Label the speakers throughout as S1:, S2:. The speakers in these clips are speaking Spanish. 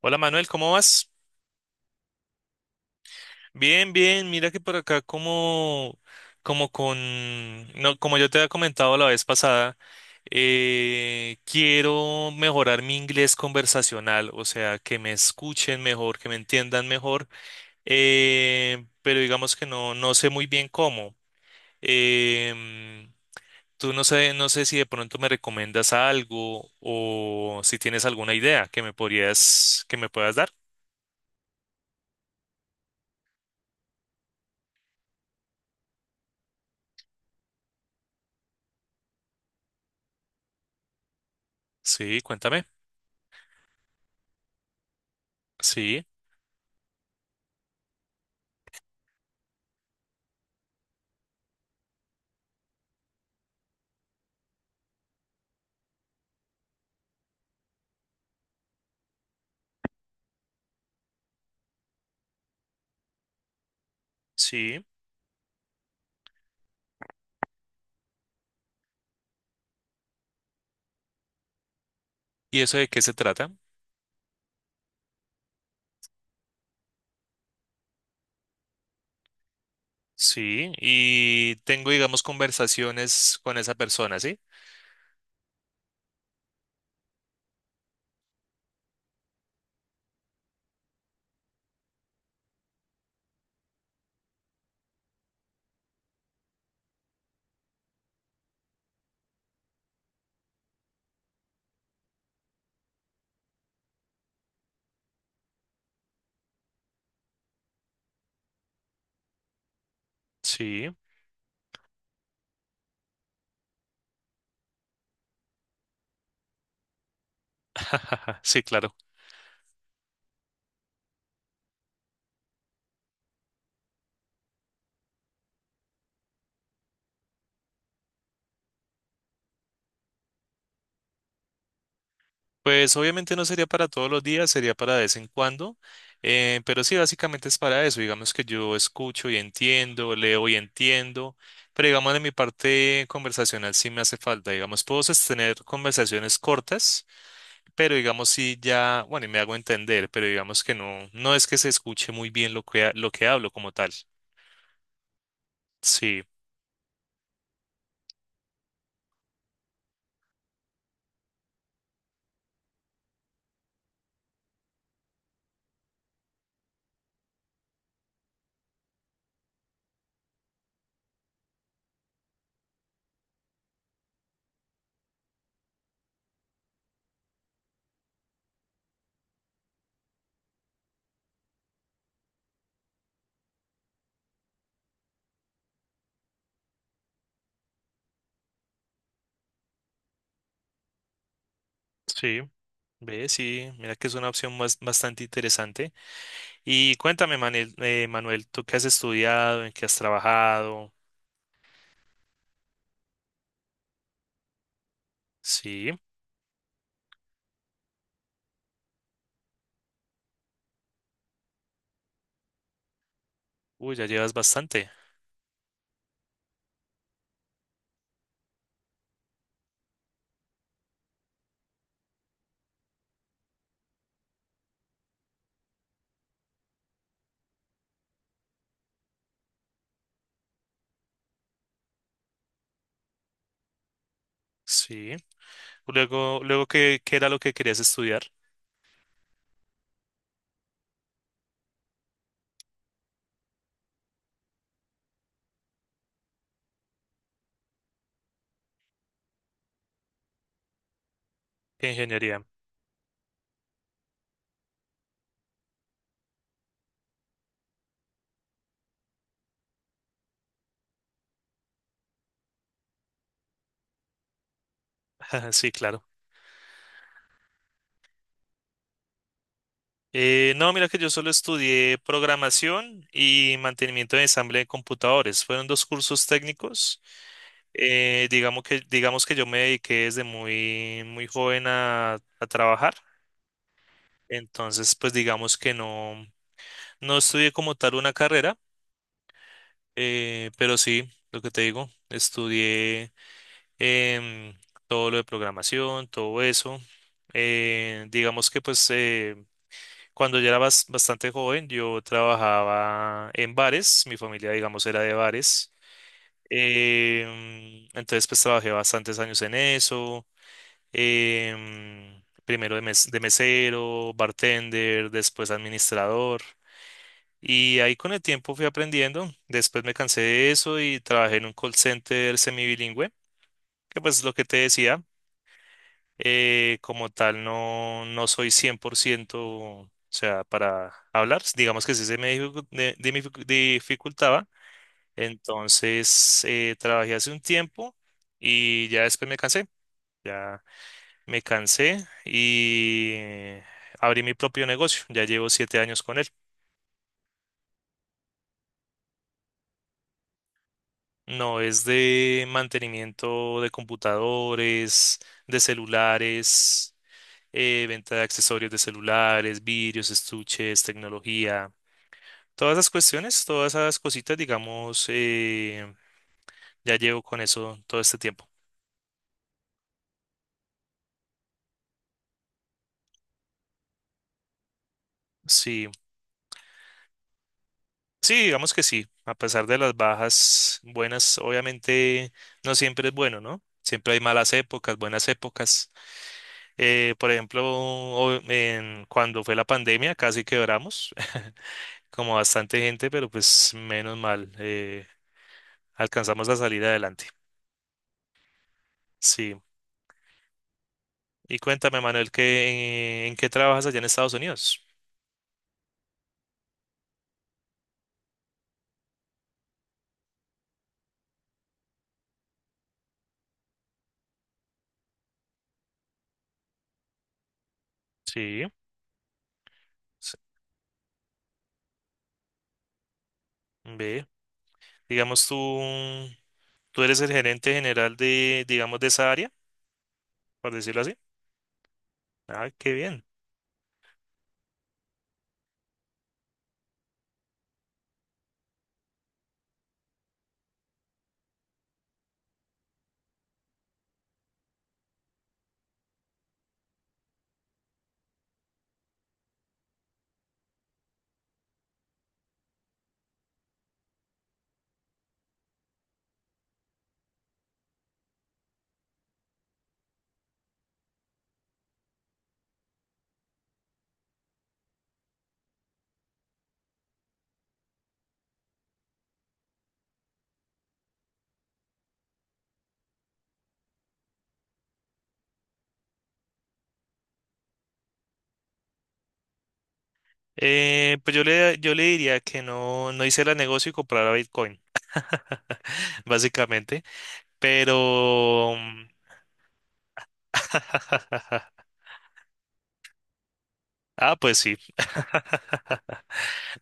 S1: Hola Manuel, ¿cómo vas? Bien, bien, mira que por acá como, como con, no, como yo te había comentado la vez pasada, quiero mejorar mi inglés conversacional, o sea, que me escuchen mejor, que me entiendan mejor, pero digamos que no sé muy bien cómo. Em, Tú no sé si de pronto me recomiendas algo o si tienes alguna idea que me puedas dar. Sí, cuéntame. Sí, sí. ¿Y eso de qué se trata? Sí, y tengo, digamos, conversaciones con esa persona, ¿sí? Sí. Sí, claro. Pues obviamente no sería para todos los días, sería para de vez en cuando, pero sí, básicamente es para eso, digamos que yo escucho y entiendo, leo y entiendo, pero digamos de mi parte conversacional sí me hace falta, digamos, puedo sostener conversaciones cortas, pero digamos sí ya, bueno, y me hago entender, pero digamos que no es que se escuche muy bien lo que, lo que hablo como tal. Sí, sí, ve, sí, mira que es una opción más, bastante interesante. Y cuéntame, Manuel, ¿tú qué has estudiado? ¿En qué has trabajado? Sí. Uy, ya llevas bastante. Sí. Luego, luego, ¿qué era lo que querías estudiar? ¿Qué ingeniería? Sí, claro. No, mira que yo solo estudié programación y mantenimiento de ensamble de computadores. Fueron dos cursos técnicos. Digamos que yo me dediqué desde muy, muy joven a trabajar. Entonces, pues digamos que no estudié como tal una carrera. Pero sí, lo que te digo, estudié em, todo lo de programación, todo eso. Digamos que pues cuando ya era bastante joven, yo trabajaba en bares, mi familia digamos era de bares. Entonces pues trabajé bastantes años en eso. Primero de mesero, bartender, después administrador. Y ahí con el tiempo fui aprendiendo. Después me cansé de eso y trabajé en un call center semibilingüe, que pues es lo que te decía. Como tal, no soy 100%, o sea, para hablar. Digamos que sí se me dificultaba. Entonces, trabajé hace un tiempo y ya después me cansé. Ya me cansé y abrí mi propio negocio. Ya llevo 7 años con él. No, es de mantenimiento de computadores, de celulares, venta de accesorios de celulares, vidrios, estuches, tecnología. Todas esas cuestiones, todas esas cositas, digamos, ya llevo con eso todo este tiempo. Sí, sí, digamos que sí. A pesar de las bajas buenas, obviamente no siempre es bueno, ¿no? Siempre hay malas épocas, buenas épocas. Por ejemplo, cuando fue la pandemia, casi quebramos. Como bastante gente, pero pues menos mal, alcanzamos a salir adelante. Sí. Y cuéntame, Manuel, ¿qué, qué trabajas allá en Estados Unidos? Sí. Sí, ve. Digamos, tú eres el gerente general de, digamos, de esa área, por decirlo así. Ah, qué bien. Pues yo le diría que no hice el negocio y comprara Bitcoin, básicamente. Pero. Ah, pues sí.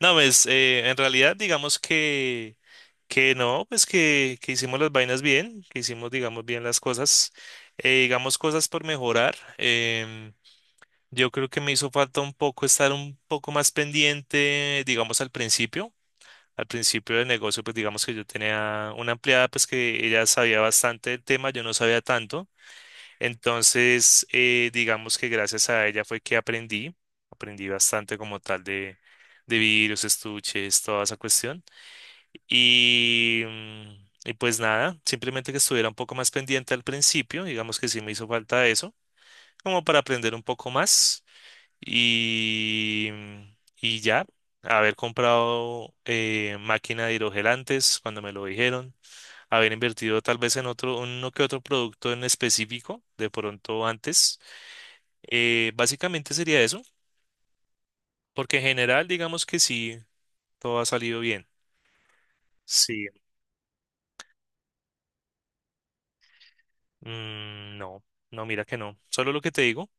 S1: No, pues en realidad digamos que no, pues que hicimos las vainas bien, que hicimos digamos bien las cosas, digamos cosas por mejorar. Yo creo que me hizo falta un poco estar un poco más pendiente, digamos al principio. Al principio del negocio, pues digamos que yo tenía una empleada, pues que ella sabía bastante del tema, yo no sabía tanto. Entonces, digamos que gracias a ella fue que aprendí, aprendí bastante como tal de virus, estuches, toda esa cuestión. Y pues nada, simplemente que estuviera un poco más pendiente al principio, digamos que sí me hizo falta eso, como para aprender un poco más. Y ya, haber comprado máquina de hidrogel antes, cuando me lo dijeron, haber invertido tal vez en otro, uno que otro producto en específico, de pronto antes básicamente sería eso, porque en general digamos que sí, todo ha salido bien. Sí. No, no, mira que no. Solo lo que te digo,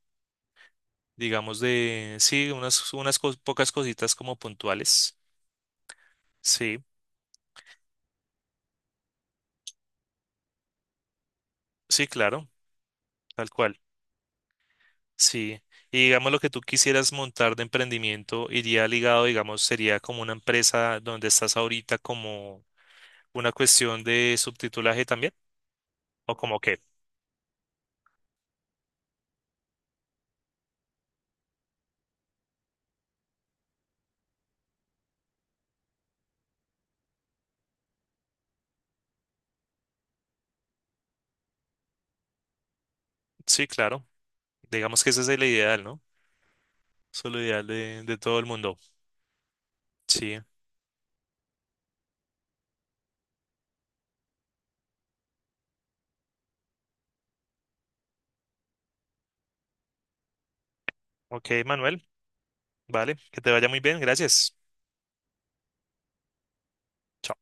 S1: digamos de, sí, unas pocas cositas como puntuales. Sí, sí, claro, tal cual. Sí. Y digamos lo que tú quisieras montar de emprendimiento iría ligado, digamos, sería como una empresa donde estás ahorita como una cuestión de subtitulaje también, o como qué. Sí, claro. Digamos que esa es la ideal, ¿no? Solo ideal de todo el mundo. Sí. Ok, Manuel. Vale, que te vaya muy bien. Gracias. Chao.